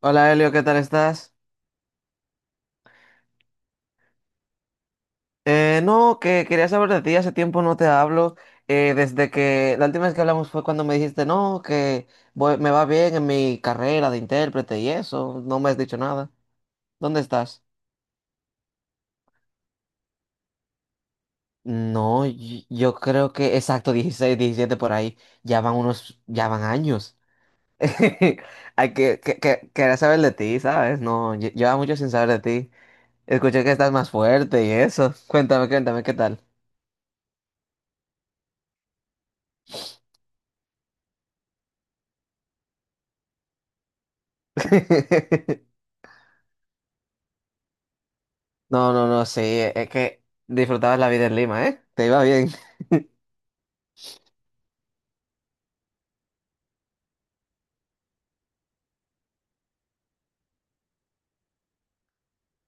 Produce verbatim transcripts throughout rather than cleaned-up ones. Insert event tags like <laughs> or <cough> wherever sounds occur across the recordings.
Hola Elio, ¿qué tal estás? Eh, no, que quería saber de ti, hace tiempo no te hablo, eh, desde que la última vez que hablamos fue cuando me dijiste, no, que voy- me va bien en mi carrera de intérprete y eso, no me has dicho nada. ¿Dónde estás? No, y- yo creo que exacto, dieciséis, diecisiete por ahí, ya van unos, ya van años. <laughs> Hay que, que, que- quería saber de ti, ¿sabes? No, lle- lleva mucho sin saber de ti. Escuché que estás más fuerte y eso. Cuéntame, cuéntame, ¿qué tal? <laughs> No, no, no, sí, es que disfrutabas la vida en Lima, ¿eh? Te iba bien. <laughs>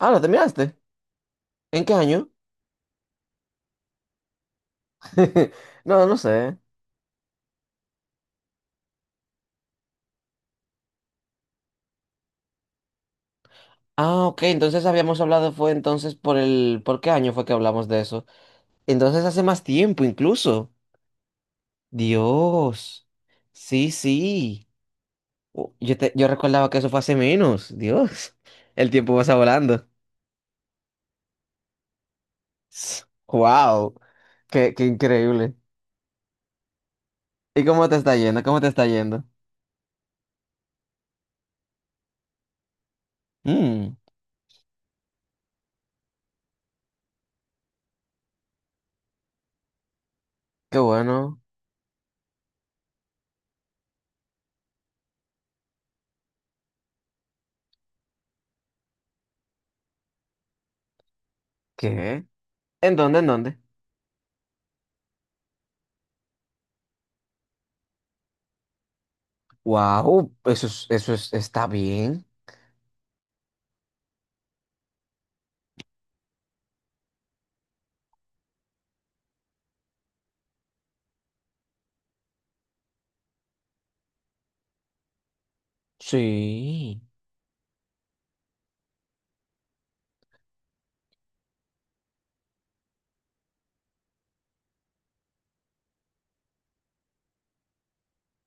Ah, ¿lo terminaste? ¿En qué año? <laughs> No, no sé. Ah, ok, entonces habíamos hablado, fue entonces por el. ¿Por qué año fue que hablamos de eso? Entonces hace más tiempo incluso. Dios. Sí, sí. Oh, Yo, te- yo recordaba que eso fue hace menos. Dios. <laughs> El tiempo pasa volando. <laughs> S- Wow. Qué, qué increíble. ¿Y cómo te está yendo? ¿Cómo te está yendo? Mm, Qué bueno. ¿Qué? ¿En dónde? ¿En dónde? Wow, eso es- eso es- está bien. Sí.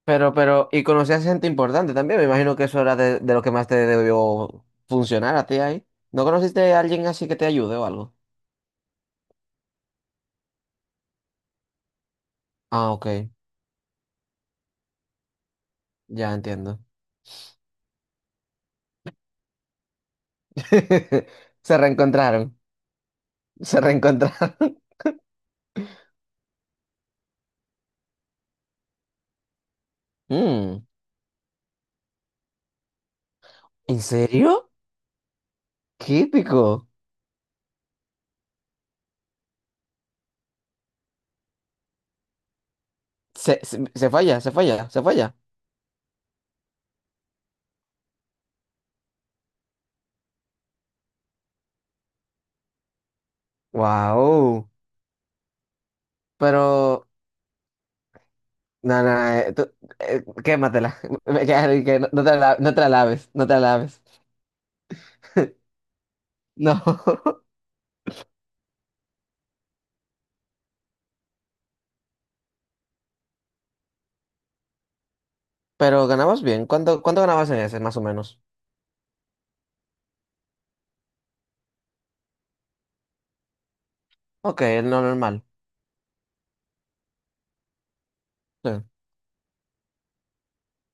Pero, pero, y conocías gente importante también. Me imagino que eso era de, de lo que más te debió funcionar a ti ahí. ¿No conociste a alguien así que te ayude o algo? Ah, ok, ya entiendo. <laughs> Se reencontraron, se reencontraron. <laughs> Mm, ¿En serio? Qué épico. Se, se, se falla, se falla, se falla. Wow. Pero. No, no, eh, tú, eh, quématela. <laughs> Me queda que no, no te la, no te la laves, no te la laves. <laughs> No. <laughs> Pero ganabas bien. ¿Cuánto, cuánto ganabas en ese, más o menos? Ok, no normal. Sí,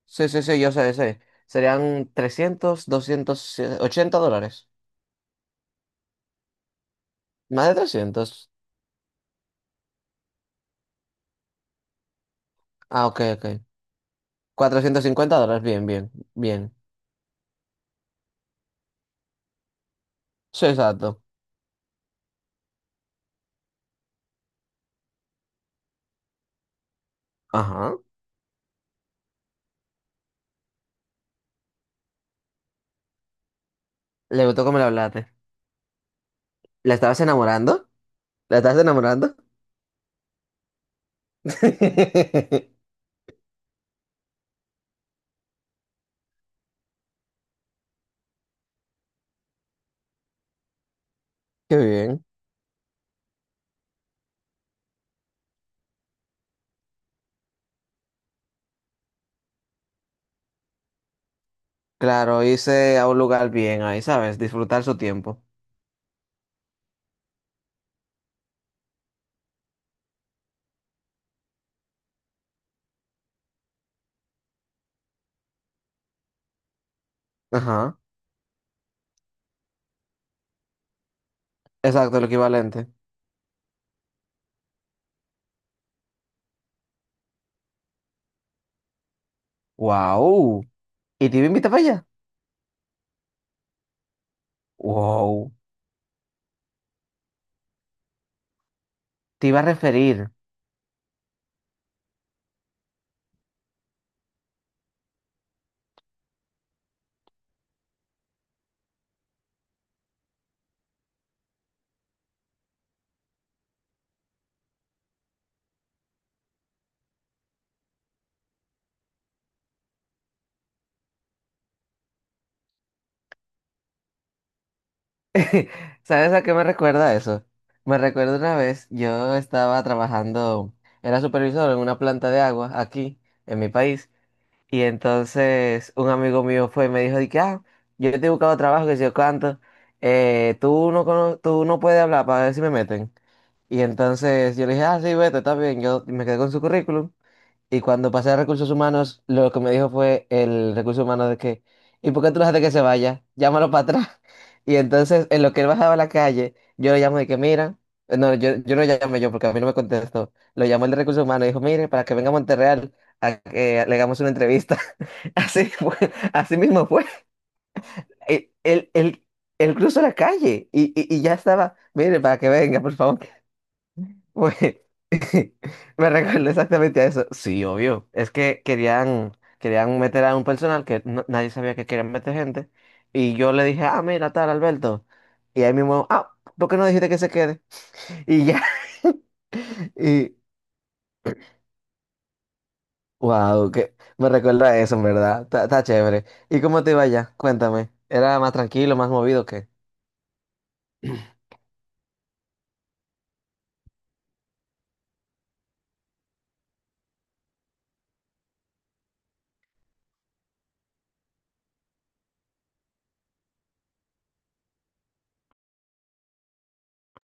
sí, sí, sí, yo sé, sé. Serían trescientos, doscientos eh, ochenta dólares. Más de trescientos. Ah, ok, ok. Cuatrocientos cincuenta dólares, bien, bien, bien. Sí, exacto. Ajá. Le gustó cómo le hablaste. ¿La estabas enamorando? ¿La estabas enamorando? <laughs> Qué bien. Claro, irse a un lugar bien ahí, ¿sabes? Disfrutar su tiempo. Ajá, exacto, lo equivalente. ¡Wow! ¿Y te iba a invitar para allá? ¡Wow! Te iba a referir. <laughs> ¿Sabes a qué me recuerda eso? Me recuerda una vez, yo estaba trabajando, era supervisor en una planta de agua aquí, en mi país, y entonces un amigo mío fue y me dijo, de que, ah, yo te he buscado trabajo, que si yo canto, eh, tú no, cono- tú no puedes hablar para ver si me meten. Y entonces yo le dije, ah, sí, vete, está bien. Yo me quedé con su currículum. Y cuando pasé a recursos humanos, lo que me dijo fue el recurso humano de que, ¿y por qué tú lo dejaste que se vaya? Llámalo para atrás. <laughs> Y entonces, en lo que él bajaba a la calle, yo le llamo de que, mira, eh, no, yo, yo no llamé yo porque a mí no me contestó. Lo llamó el de recursos humanos y dijo, mire, para que venga a Monterreal a que le hagamos una entrevista. <laughs> Así fue, así mismo fue. <laughs> Él, él, él, él cruzó la calle y, y, y ya estaba, mire, para que venga, por favor. Güey, <laughs> me recuerdo exactamente a eso. Sí, obvio. Es que querían, querían meter a un personal que no- nadie sabía que querían meter gente. Y yo le dije, ah, mira, tal, Alberto. Y ahí mismo, ah, ¿por qué no dijiste que se quede? Y ya. <laughs> Y, wow, que me recuerda a eso, en verdad. Está está chévere. ¿Y cómo te iba allá? Cuéntame. ¿Era más tranquilo, más movido que?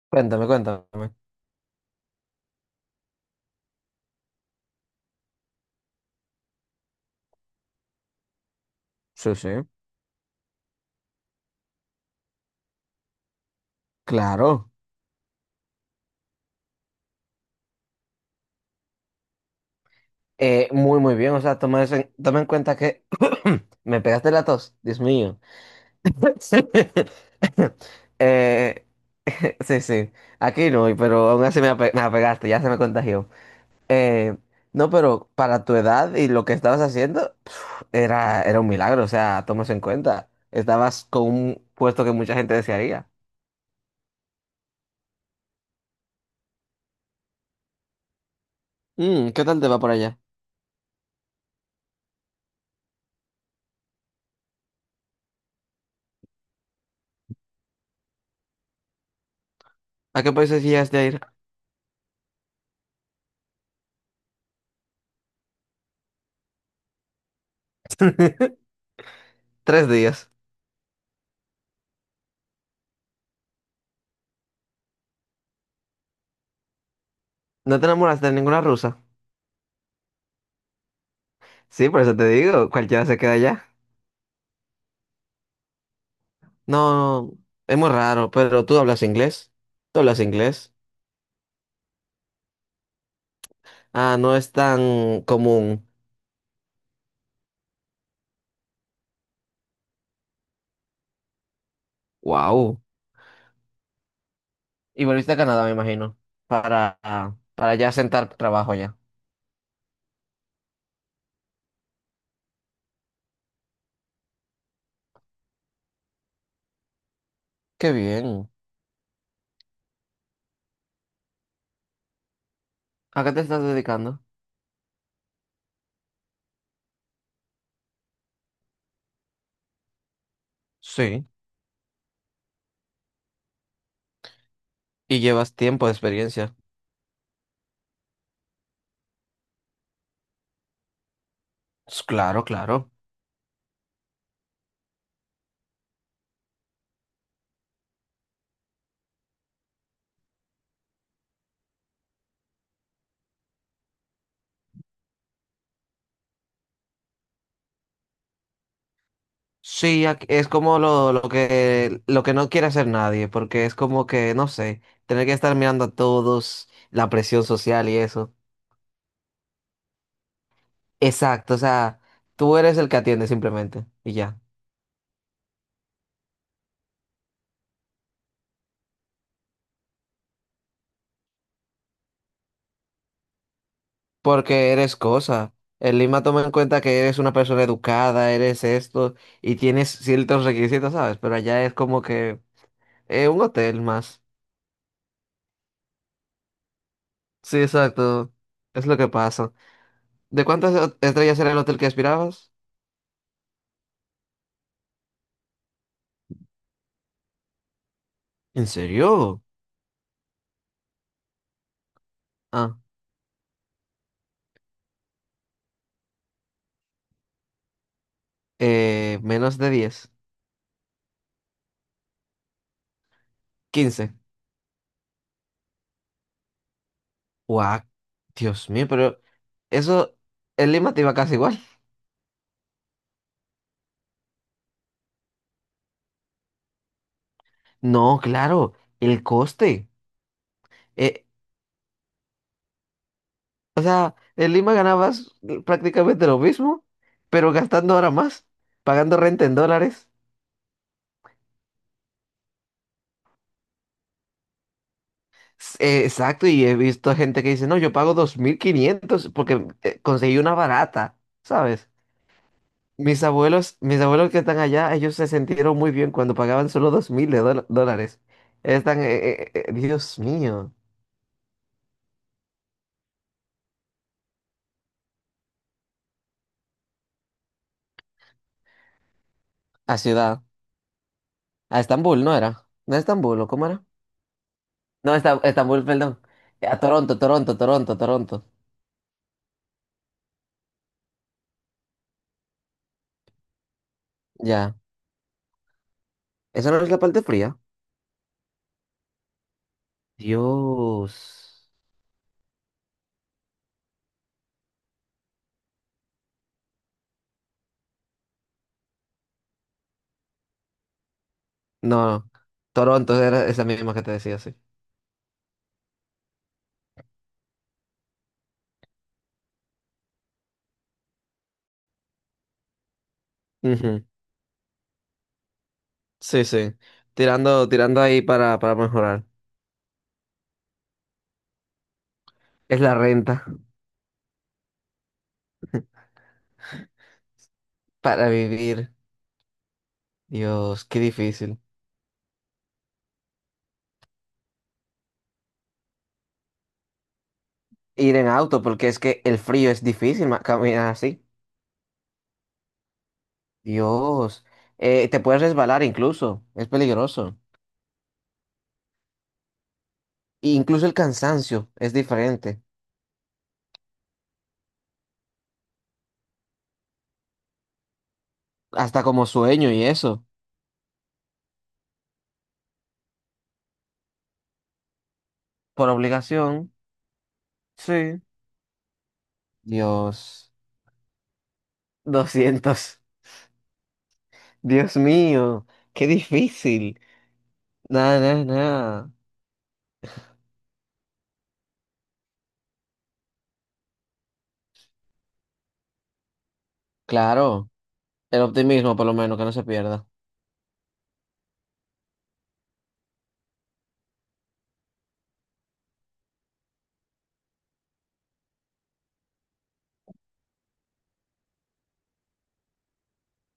Cuéntame, cuéntame. Sí, sí. Claro. Eh, muy, muy bien. O sea, toma eso en, toma en cuenta que <clears throat> me pegaste la tos, Dios mío. <laughs> Eh, <laughs> sí, sí. Aquí no, pero aún así me, ape- me apegaste, ya se me contagió. Eh, no, pero para tu edad y lo que estabas haciendo, pf, era, era un milagro. O sea, toma eso en cuenta. Estabas con un puesto que mucha gente desearía. Mm, ¿qué tal te va por allá? ¿A qué países llegaste a ir? <laughs> Tres días. ¿No te enamoraste de ninguna rusa? Sí, por eso te digo, cualquiera se queda allá. No, es muy raro, pero tú hablas inglés. Tú hablas inglés. Ah, no es tan común. Wow. Y volviste a Canadá, me imagino, para, ah, para ya sentar trabajo ya. Qué bien. ¿A qué te estás dedicando? Sí. Y llevas tiempo de experiencia. S- Claro, claro. Sí, ac- es como lo, lo que, lo que no quiere hacer nadie, porque es como que, no sé, tener que estar mirando a todos, la presión social y eso. Exacto, o sea, tú eres el que atiende simplemente y ya. Porque eres cosa. El Lima toma en cuenta que eres una persona educada, eres esto, y tienes ciertos requisitos, ¿sabes? Pero allá es como que eh, un hotel más. Sí, exacto. Es lo que pasa. ¿De cuántas o- estrellas era el hotel que aspirabas? ¿En serio? Ah, eh, menos de diez, quince. Guau, Dios mío, pero eso, el Lima te iba casi igual. No, claro, el coste. Eh, O sea, en Lima ganabas prácticamente lo mismo, pero gastando ahora más, pagando renta en dólares. S- eh, exacto, y he visto gente que dice, no, yo pago dos mil quinientos porque eh, conseguí una barata, ¿sabes? Mis abuelos, mis abuelos que están allá, ellos se sintieron muy bien cuando pagaban solo dos mil de dola- dólares. Están, eh, eh, eh, Dios mío, a ciudad, a Estambul, ¿no era? ¿No Estambul o cómo era? No, Esta- Estambul, perdón. A Toronto, Toronto, Toronto, Toronto. Ya, esa no es la parte fría. Dios. No, Toronto era esa misma que te decía, sí. Ujú. Sí, sí. Tirando, tirando ahí para, para mejorar. Es la renta para vivir. Dios, qué difícil. Ir en auto, porque es que el frío es difícil ma- caminar así. Dios. Eh, te puedes resbalar incluso. Es peligroso. E incluso el cansancio es diferente. Hasta como sueño y eso. Por obligación. Sí. Dios. Doscientos. Dios mío, qué difícil. Nada, nada, nada. Claro, el optimismo por lo menos, que no se pierda.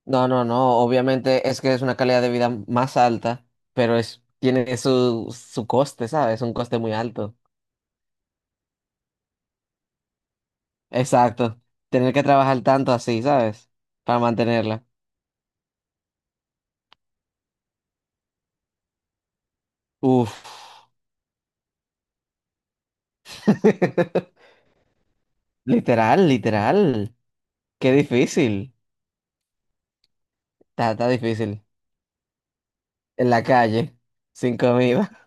No, no, no, obviamente es que es una calidad de vida más alta, pero es, tiene su, su coste, ¿sabes? Un coste muy alto. Exacto. Tener que trabajar tanto así, ¿sabes? Para mantenerla. Uf. <laughs> Literal, literal. Qué difícil. Está, está difícil. En la calle, sin comida.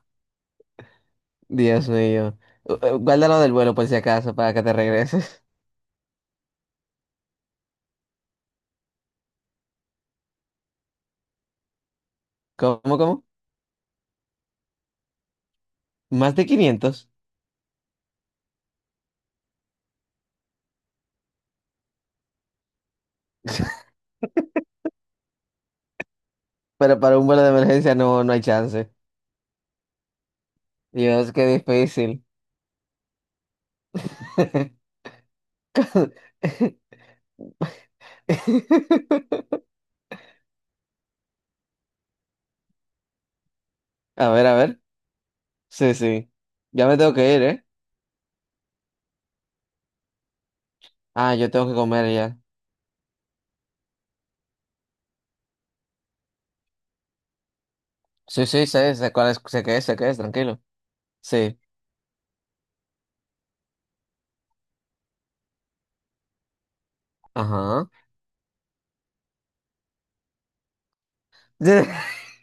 Dios mío. U- u- Guárdalo del vuelo por si acaso, para que te regreses. <laughs> ¿Cómo, cómo? Más de quinientos. <laughs> Pero para un vuelo de emergencia no, no hay chance. Dios, qué difícil. <laughs> A ver, a ver. Sí, sí. Ya me tengo que ir, ¿eh? Ah, yo tengo que comer ya. Sí, sí, sé, sé cuál es, sé qué es, sé qué es, tranquilo. Sí. Ajá. <laughs>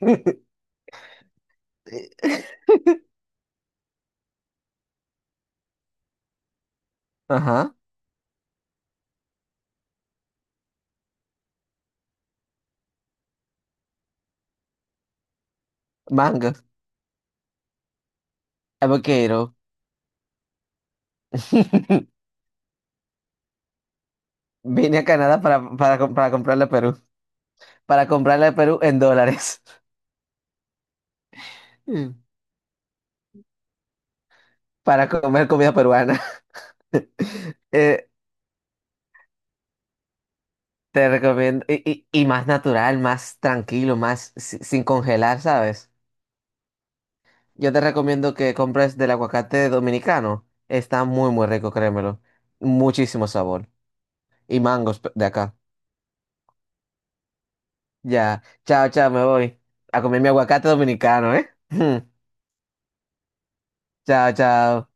Ajá. Mango. Avocado. <laughs> Vine a Canadá para, para, com- para comprarle a Perú. Para comprarle a Perú en dólares. Mm. Para comer comida peruana. <laughs> Eh, Te recomiendo, y, y- y más natural, más tranquilo, más si- sin congelar, ¿sabes? Yo te recomiendo que compres del aguacate dominicano. Está muy, muy rico, créemelo. Muchísimo sabor. Y mangos pe- de acá. Ya, chao, chao, me voy a comer mi aguacate dominicano, ¿eh? <laughs> Chao, chao.